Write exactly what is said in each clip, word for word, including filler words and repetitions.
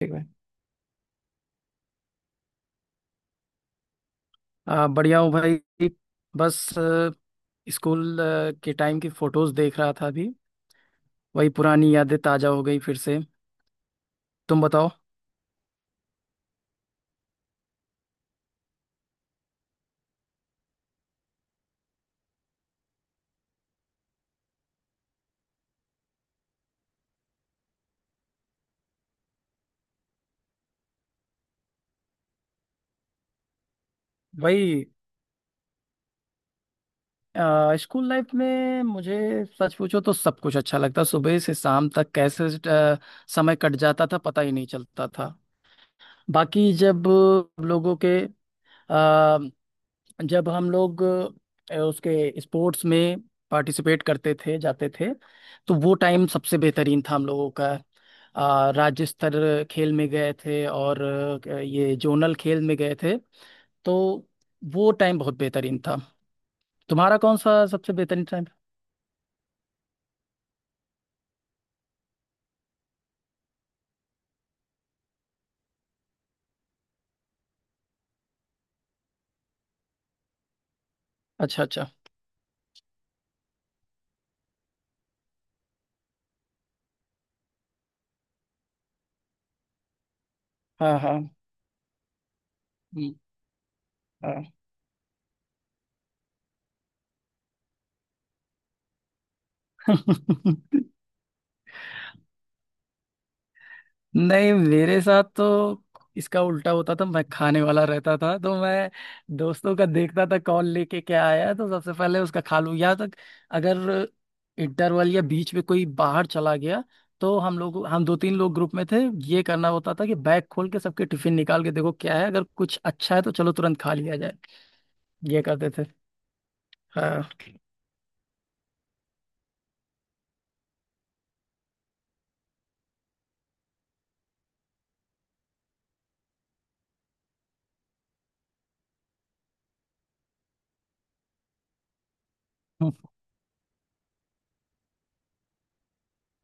ठीक भाई। आ, बढ़िया हूँ भाई। बस अ, स्कूल अ, के टाइम की फोटोज देख रहा था अभी। वही पुरानी यादें ताजा हो गई फिर से। तुम बताओ। भाई अ, स्कूल लाइफ में मुझे सच पूछो तो सब कुछ अच्छा लगता, सुबह से शाम तक कैसे अ, समय कट जाता था, पता ही नहीं चलता था। बाकी जब हम लोगों के जब हम लोग अ, उसके स्पोर्ट्स में पार्टिसिपेट करते थे, जाते थे, तो वो टाइम सबसे बेहतरीन था हम लोगों का। अ, राज्य स्तर खेल में गए थे और अ, ये जोनल खेल में गए थे। तो वो टाइम बहुत बेहतरीन था। तुम्हारा कौन सा सबसे बेहतरीन टाइम? अच्छा अच्छा। हाँ हाँ। हम्म। हाँ। नहीं, मेरे साथ तो इसका उल्टा होता था, मैं खाने वाला रहता था, तो मैं दोस्तों का देखता था कौन लेके क्या आया है, तो सबसे पहले उसका खा लूं या तक, अगर इंटरवल या बीच में कोई बाहर चला गया, तो हम लोग हम दो तीन लोग ग्रुप में थे, ये करना होता था कि बैग खोल के सबके टिफिन निकाल के देखो क्या है, अगर कुछ अच्छा है तो चलो तुरंत खा लिया जाए। ये करते थे। हाँ।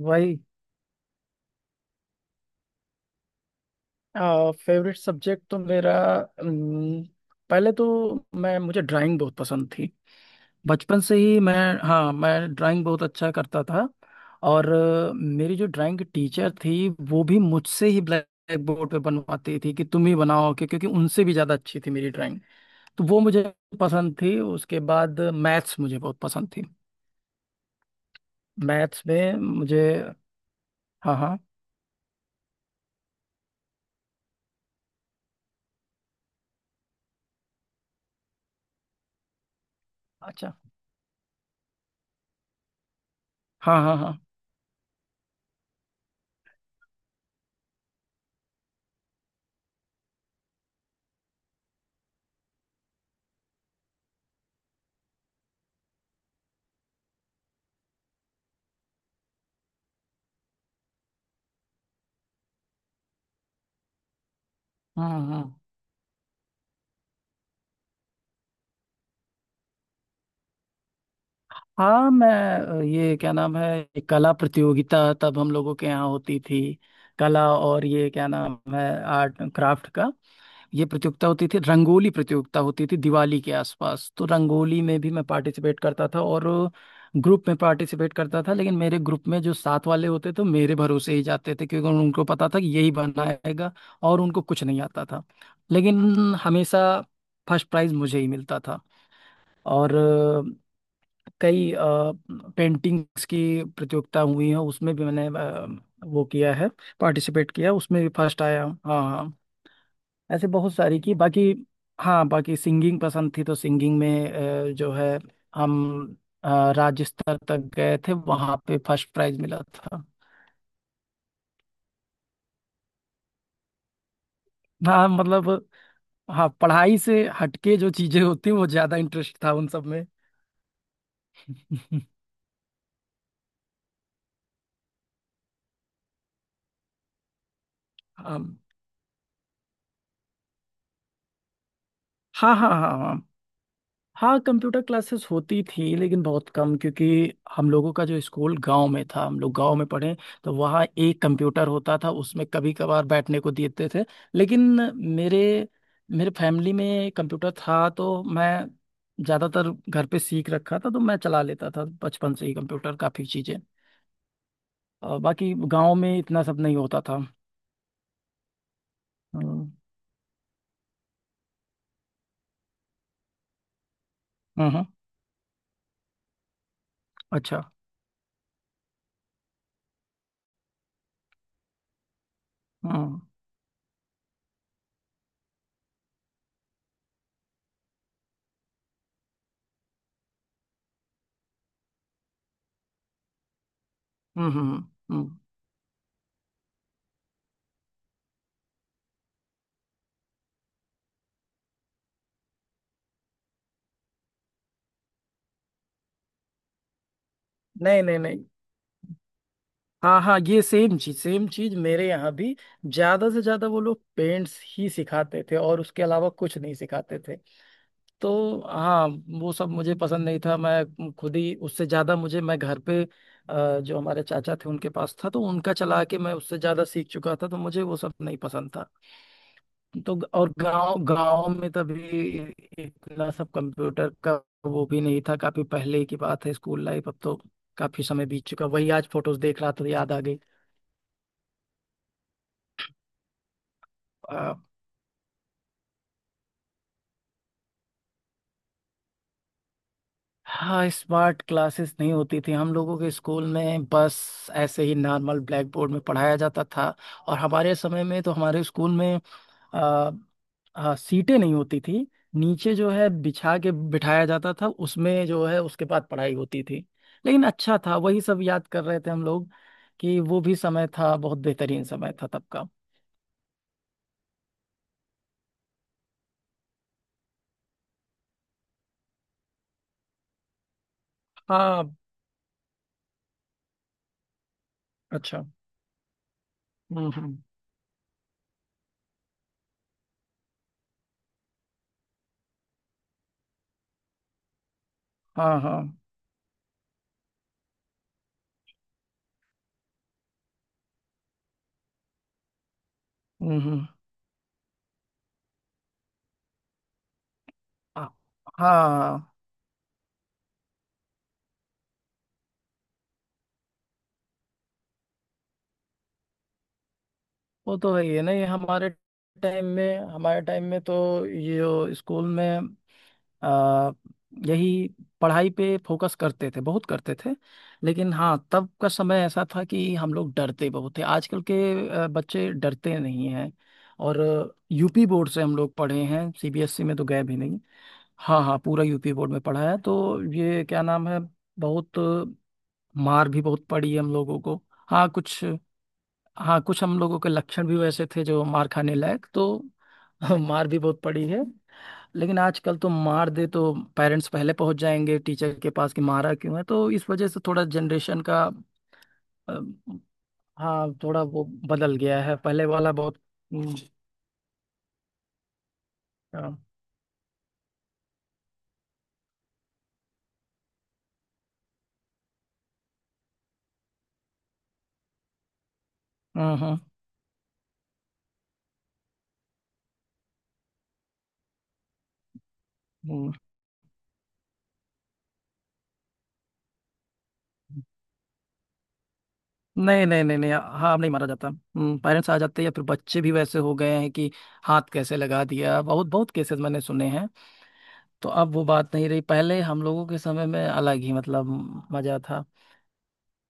वही। फेवरेट सब्जेक्ट तो मेरा अम, पहले तो मैं मुझे ड्राइंग बहुत पसंद थी। बचपन से ही मैं, हाँ, मैं ड्राइंग बहुत अच्छा करता था। और अ, मेरी जो ड्राइंग की टीचर थी वो भी मुझसे ही ब्लैक बोर्ड पे बनवाती थी कि तुम ही बनाओ, कि क्योंकि उनसे भी ज़्यादा अच्छी थी मेरी ड्राइंग। तो वो मुझे पसंद थी, उसके बाद मैथ्स मुझे बहुत पसंद थी। मैथ्स में मुझे, हाँ हाँ। अच्छा। हाँ हाँ हाँ। हम्म हम्म। हाँ, मैं अ, ये क्या नाम है, ये कला प्रतियोगिता तब हम लोगों के यहाँ होती थी। कला और ये क्या नाम है, आर्ट एंड क्राफ्ट का ये प्रतियोगिता होती थी, रंगोली प्रतियोगिता होती थी दिवाली के आसपास, तो रंगोली में भी मैं पार्टिसिपेट करता था, और ग्रुप में पार्टिसिपेट करता था लेकिन मेरे ग्रुप में जो साथ वाले होते थे वो मेरे भरोसे ही जाते थे क्योंकि उन- उनको पता था कि यही बनाएगा, और उनको कुछ नहीं आता था। लेकिन हमेशा फर्स्ट प्राइज मुझे ही मिलता था। और अ, कई पेंटिंग्स की प्रतियोगिता हुई है, उसमें भी मैंने अ, वो किया है, पार्टिसिपेट किया, उसमें भी फर्स्ट आया हूँ, हाँ हाँ। ऐसे बहुत सारी की, बाकी, हाँ बाकी सिंगिंग पसंद थी, तो सिंगिंग में अ, जो है, हम अ, राज्य स्तर तक गए थे, वहाँ पे फर्स्ट प्राइज मिला था। हाँ मतलब, हाँ पढ़ाई से हटके जो चीजें होती हैं, वो ज्यादा इंटरेस्ट था उन सब में। हाँ हाँ हाँ हाँ हाँ, कंप्यूटर क्लासेस होती थी लेकिन बहुत कम, क्योंकि हम लोगों का जो स्कूल गांव में था, हम लोग गांव में पढ़े। तो वहाँ एक कंप्यूटर होता था, उसमें कभी कभार बैठने को देते थे। लेकिन मेरे मेरे फैमिली में कंप्यूटर था, तो मैं ज़्यादातर घर पे सीख रखा था, तो मैं चला लेता था बचपन से ही कंप्यूटर, काफ़ी चीज़ें। और बाकी गांव में इतना सब नहीं होता था। हम्म हम्म हम्म। अच्छा। हम्म हम्म हम्म हम्म। हम्म। नहीं नहीं नहीं। हाँ हाँ, ये सेम चीज सेम चीज मेरे यहाँ भी, ज्यादा से ज्यादा वो लोग पेंट्स ही सिखाते थे और उसके अलावा कुछ नहीं सिखाते थे। तो हाँ, वो सब मुझे पसंद नहीं था, मैं खुद ही उससे ज्यादा, मुझे, मैं घर पे अ, जो हमारे चाचा थे उनके पास था, तो उनका चला के मैं उससे ज्यादा सीख चुका था, तो मुझे वो सब नहीं पसंद था। तो ग- और गांव गांव में तभी इतना सब कंप्यूटर का वो भी नहीं था, काफी पहले की बात है स्कूल लाइफ, अब तो काफी समय बीत चुका। वही आज फोटोज देख रहा था तो याद आ गई। अ, हाँ, स्मार्ट क्लासेस नहीं होती थी हम लोगों के स्कूल में, बस ऐसे ही नॉर्मल ब्लैक बोर्ड में पढ़ाया जाता था। और हमारे समय में तो हमारे स्कूल में अ, अ, सीटें नहीं होती थी, नीचे जो है बिछा के बिठाया जाता था, उसमें जो है, उसके बाद पढ़ाई होती थी। लेकिन अच्छा था, वही सब याद कर रहे थे हम लोग, कि वो भी समय था, बहुत बेहतरीन समय था तब का। हाँ। अच्छा। हम्म हम्म। हाँ हाँ। हम्म हम्म। आ- हाँ, वो तो है ही है ना, ये हमारे टाइम में हमारे टाइम में तो ये जो स्कूल में आ, यही पढ़ाई पे फोकस करते थे, बहुत करते थे। लेकिन हाँ, तब का समय ऐसा था कि हम लोग डरते बहुत थे, आजकल के आ, बच्चे डरते नहीं हैं। और यूपी बोर्ड से हम लोग पढ़े हैं, सीबीएसई में तो गए भी नहीं। हाँ हाँ, पूरा यूपी बोर्ड में पढ़ा है, तो ये क्या नाम है, बहुत मार भी बहुत पड़ी है हम लोगों को। हाँ कुछ हाँ कुछ हम लोगों के लक्षण भी वैसे थे जो मार खाने लायक, तो मार भी बहुत पड़ी है। लेकिन आजकल तो मार दे तो पेरेंट्स पहले पहुंच जाएंगे टीचर के पास कि मारा क्यों है, तो इस वजह से थोड़ा जनरेशन का, अ, हाँ थोड़ा वो बदल गया है, पहले वाला बहुत। हम्म हम्म हम्म। हम्म। नहीं नहीं नहीं नहीं, हाँ अब नहीं मारा जाता, हम्म, पेरेंट्स आ जाते हैं, या फिर बच्चे भी वैसे हो गए हैं कि हाथ कैसे लगा दिया, बहुत बहुत केसेस मैंने सुने हैं। तो अब वो बात नहीं रही, पहले हम लोगों के समय में अलग ही मतलब मजा था।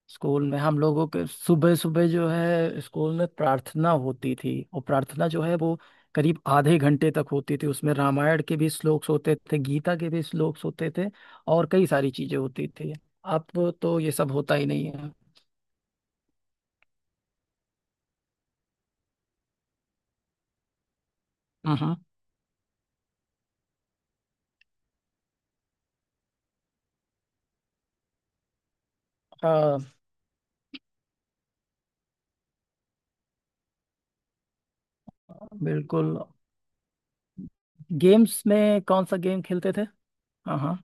स्कूल में हम लोगों के सुबह सुबह जो है स्कूल में प्रार्थना होती थी, और प्रार्थना जो है वो करीब आधे घंटे तक होती थी, उसमें रामायण के भी श्लोक्स होते थे, गीता के भी श्लोक्स होते थे, और कई सारी चीजें होती थी। अब तो ये सब होता ही नहीं है। हम्म। हाँ। बिल्कुल। गेम्स में कौन सा गेम खेलते थे? हाँ हाँ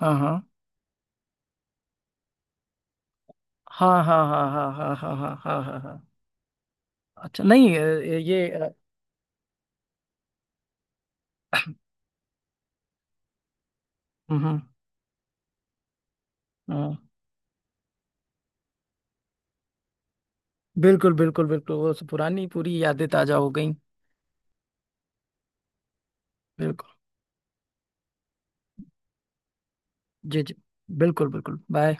हाँ हाँ हाँ हाँ हाँ हाँ हाँ हाँ हाँ हाँ हाँ हाँ। अच्छा नहीं, अ, ये अ, हम्म। हाँ। बिल्कुल बिल्कुल बिल्कुल, वो सब पुरानी पूरी यादें ताजा हो गई। बिल्कुल। जी जी। बिल्कुल बिल्कुल, बाय।